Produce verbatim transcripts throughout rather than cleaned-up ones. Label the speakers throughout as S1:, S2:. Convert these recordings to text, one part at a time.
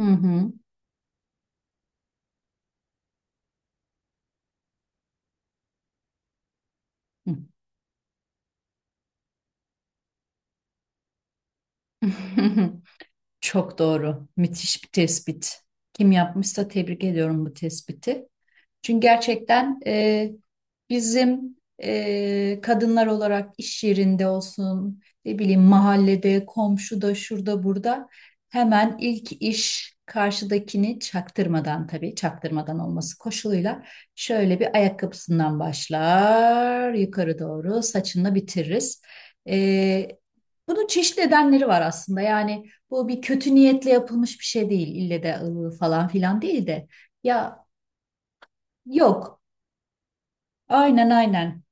S1: Hı hı. Hı. Çok doğru. Müthiş bir tespit. Kim yapmışsa tebrik ediyorum bu tespiti. Çünkü gerçekten e, bizim e, kadınlar olarak iş yerinde olsun, ne bileyim mahallede, komşuda, şurada, burada hemen ilk iş karşıdakini çaktırmadan, tabii çaktırmadan olması koşuluyla şöyle bir ayakkabısından başlar, yukarı doğru saçını bitiririz. E, Bunun çeşitli nedenleri var aslında. Yani bu bir kötü niyetle yapılmış bir şey değil. İlle de ıı, falan filan değil de. Ya yok. Aynen aynen.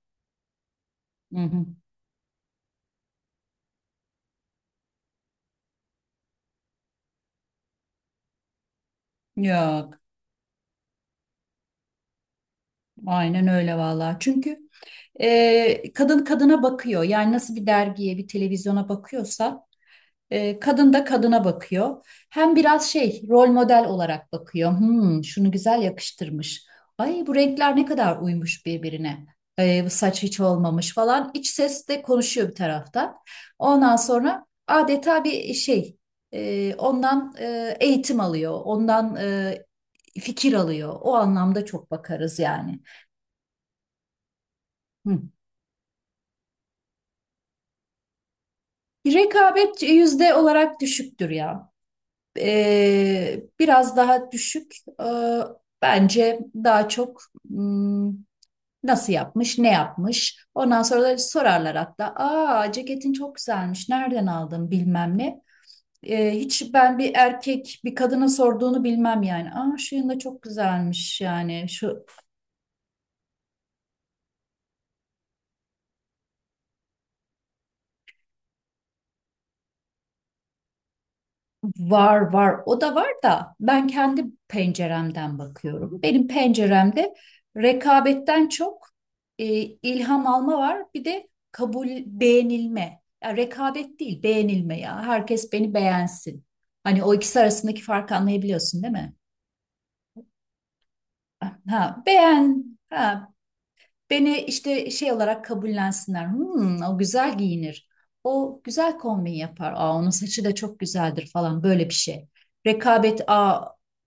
S1: Hı hı. Yok. Aynen öyle vallahi. Çünkü e, kadın kadına bakıyor. Yani nasıl bir dergiye, bir televizyona bakıyorsa E, kadın da kadına bakıyor. Hem biraz şey rol model olarak bakıyor. Hmm, şunu güzel yakıştırmış. Ay bu renkler ne kadar uymuş birbirine. E, bu saç hiç olmamış falan. İç ses de konuşuyor bir tarafta. Ondan sonra adeta bir şey, e, ondan e, eğitim alıyor. Ondan e, fikir alıyor. O anlamda çok bakarız yani. Hı. Rekabet yüzde olarak düşüktür ya. E, biraz daha düşük. E, Bence daha çok, hmm, nasıl yapmış, ne yapmış. Ondan sonra da sorarlar hatta. Aa, ceketin çok güzelmiş. Nereden aldın bilmem ne. E, hiç ben bir erkek bir kadına sorduğunu bilmem yani. Aa, şu yanda çok güzelmiş yani. Şu var var o da var da ben kendi penceremden bakıyorum. Benim penceremde rekabetten çok, e, ilham alma var, bir de kabul, beğenilme. Ya rekabet değil, beğenilme, ya herkes beni beğensin. Hani o ikisi arasındaki farkı anlayabiliyorsun değil mi? Ha beğen, ha beni işte şey olarak kabullensinler. Hmm, o güzel giyinir. O güzel kombin yapar. Aa, onun saçı da çok güzeldir falan böyle bir şey. Rekabet, aa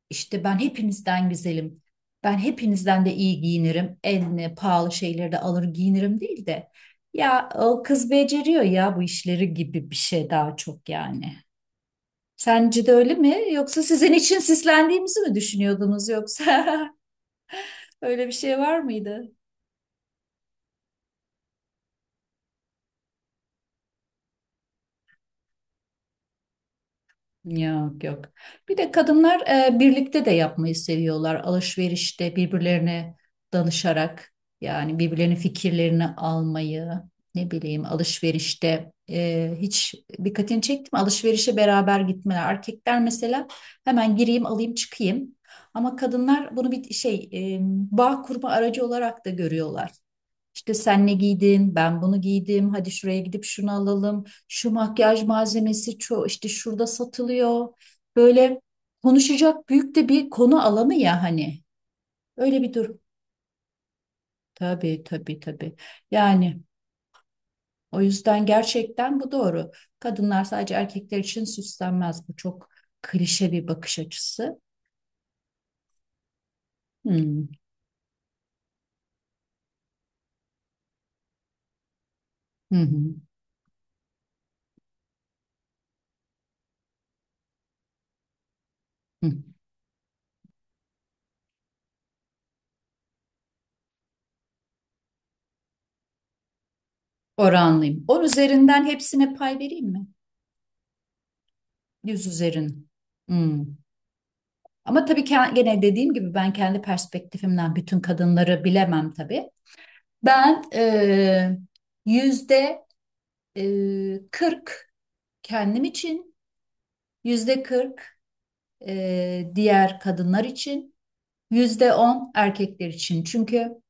S1: işte ben hepinizden güzelim. Ben hepinizden de iyi giyinirim. En e, pahalı şeyleri de alır giyinirim değil de. Ya o kız beceriyor ya bu işleri gibi bir şey daha çok yani. Sence de öyle mi? Yoksa sizin için sislendiğimizi mi düşünüyordunuz yoksa? Öyle bir şey var mıydı? Yok yok. Bir de kadınlar e, birlikte de yapmayı seviyorlar. Alışverişte birbirlerine danışarak, yani birbirlerinin fikirlerini almayı, ne bileyim alışverişte, e, hiç dikkatini çekti mi? Alışverişe beraber gitmeler. Erkekler mesela hemen gireyim alayım çıkayım. Ama kadınlar bunu bir şey, e, bağ kurma aracı olarak da görüyorlar. İşte sen ne giydin, ben bunu giydim, hadi şuraya gidip şunu alalım, şu makyaj malzemesi ço işte şurada satılıyor. Böyle konuşacak büyük de bir konu alanı ya hani. Öyle bir durum. Tabii tabii tabii. Yani o yüzden gerçekten bu doğru. Kadınlar sadece erkekler için süslenmez. Bu çok klişe bir bakış açısı. Hmm. Hı hı. Hı. Oranlıyım. On üzerinden hepsine pay vereyim mi? Yüz üzerin. Hmm. Ama tabii ki gene dediğim gibi ben kendi perspektifimden bütün kadınları bilemem tabii. Ben eee, yüzde eee, kırk kendim için, yüzde kırk, eee, diğer kadınlar için, yüzde on erkekler için. Çünkü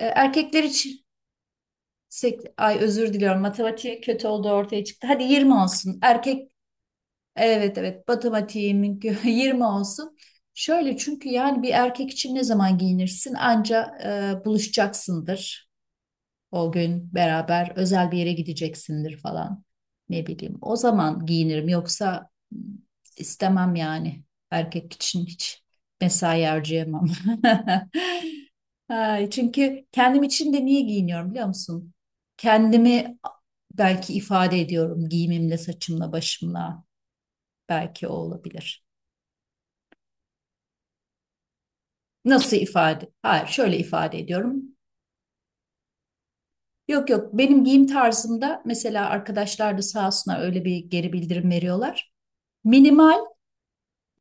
S1: e, erkekler için sek- ay özür diliyorum matematiğe kötü olduğu ortaya çıktı. Hadi yirmi olsun. Erkek evet evet matematiğimin yirmi olsun. Şöyle çünkü yani bir erkek için ne zaman giyinirsin? Anca e, buluşacaksındır. O gün beraber özel bir yere gideceksindir falan. Ne bileyim. O zaman giyinirim yoksa mm, istemem yani. Erkek için hiç mesai harcayamam. Ay, çünkü kendim için de niye giyiniyorum biliyor musun? Kendimi belki ifade ediyorum giyimimle, saçımla, başımla. Belki o olabilir. Nasıl ifade? Hayır, şöyle ifade ediyorum. Yok yok benim giyim tarzımda mesela arkadaşlar da sağ olsunlar öyle bir geri bildirim veriyorlar. Minimal,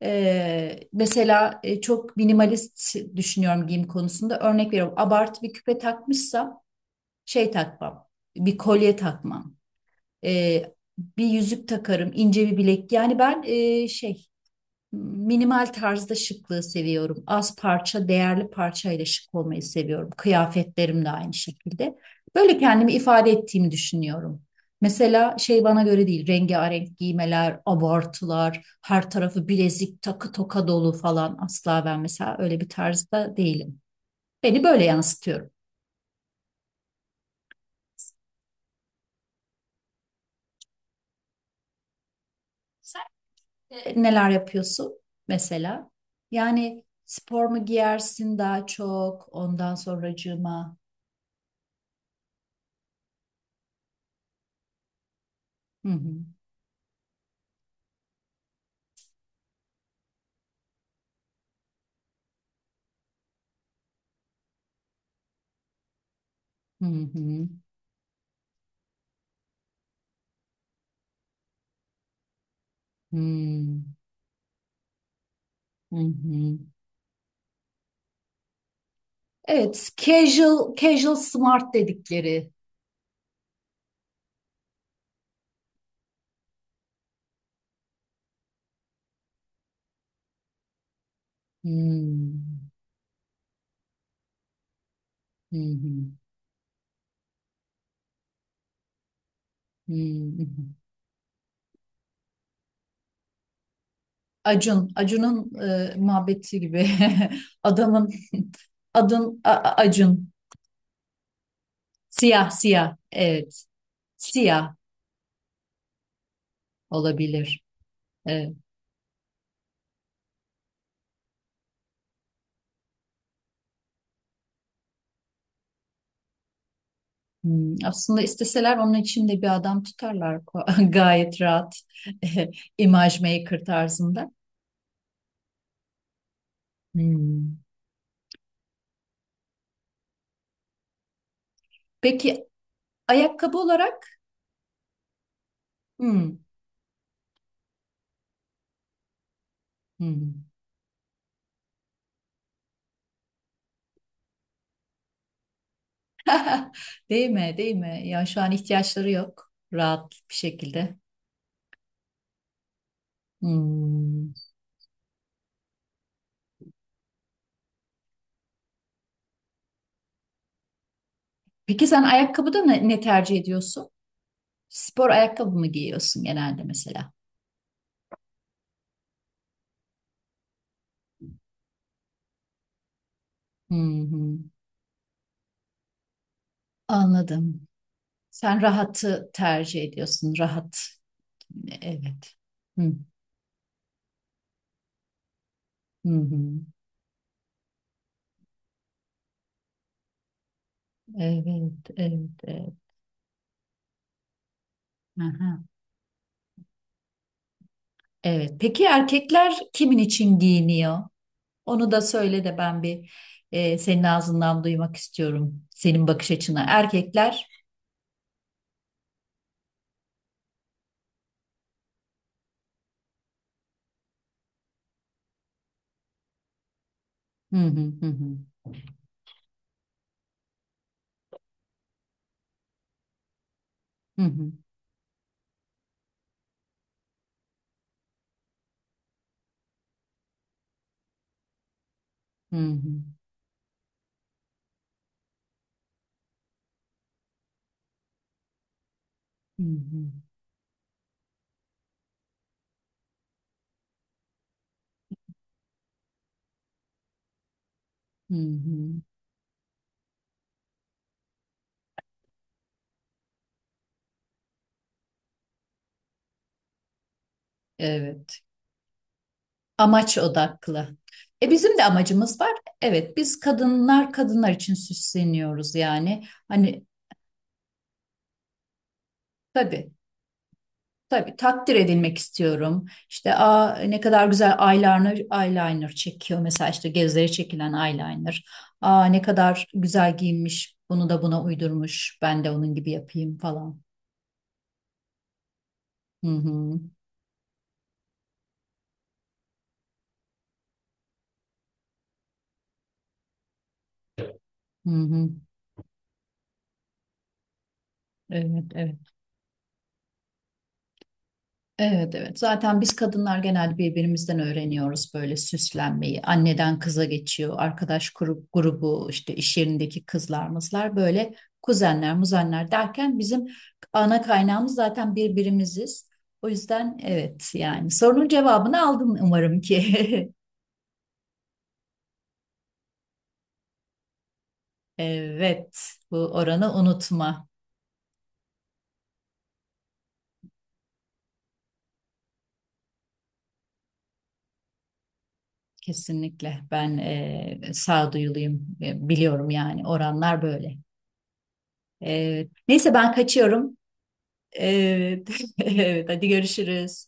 S1: e, mesela e, çok minimalist düşünüyorum giyim konusunda, örnek veriyorum abartı bir küpe takmışsam şey takmam, bir kolye takmam, e, bir yüzük takarım, ince bir bilek, yani ben e, şey minimal tarzda şıklığı seviyorum. Az parça, değerli parçayla şık olmayı seviyorum. Kıyafetlerim de aynı şekilde. Böyle kendimi ifade ettiğimi düşünüyorum. Mesela şey bana göre değil. Rengarenk giymeler, abartılar, her tarafı bilezik, takı toka dolu falan asla, ben mesela öyle bir tarzda değilim. Beni böyle yansıtıyorum. Sen e, neler yapıyorsun mesela? Yani spor mu giyersin daha çok? Ondan sonracığıma. Hı hı. Hı hı. Hmm. Hı hı. Evet, casual casual smart dedikleri. Hmm. Hı hı. Hı hı. Acun, Acun'un e, muhabbeti gibi. Adamın adın A- A- Acun. Siyah, siyah. Evet. Siyah olabilir. Evet. Hmm, aslında isteseler onun için de bir adam tutarlar ko- gayet rahat imaj maker tarzında. Hmm. Peki ayakkabı olarak? Hmm. Hmm. Değil mi? Değil mi? Ya şu an ihtiyaçları yok. Rahat bir şekilde. Hmm. Peki sen ayakkabıda ne, ne tercih ediyorsun? Spor ayakkabı mı giyiyorsun genelde mesela? Hı hı. Anladım. Sen rahatı tercih ediyorsun. Rahat. Evet. Hı hı. Hı. Evet, evet, evet. Aha. Evet. Peki erkekler kimin için giyiniyor? Onu da söyle de ben bir, e, senin ağzından duymak istiyorum. Senin bakış açına. Erkekler. Hı hı hı hı. Hı hı hı hı. Hı hı. Hı hı. Evet. Amaç odaklı. E bizim de amacımız var. Evet, biz kadınlar kadınlar için süsleniyoruz yani. Hani tabii, tabii takdir edilmek istiyorum. İşte aa ne kadar güzel eyeliner eyeliner çekiyor. Mesela işte gözleri çekilen eyeliner. Aa ne kadar güzel giyinmiş. Bunu da buna uydurmuş. Ben de onun gibi yapayım falan. Hı hı. Hı hı. Evet, evet. Evet evet. Zaten biz kadınlar genelde birbirimizden öğreniyoruz böyle süslenmeyi. Anneden kıza geçiyor. Arkadaş grup, grubu işte iş yerindeki kızlar mızlar böyle kuzenler muzenler derken bizim ana kaynağımız zaten birbirimiziz. O yüzden evet yani sorunun cevabını aldın umarım ki. Evet, bu oranı unutma. Kesinlikle ben e, sağduyuluyum. E, biliyorum yani oranlar böyle. Evet. Neyse ben kaçıyorum. Evet. Evet, hadi görüşürüz.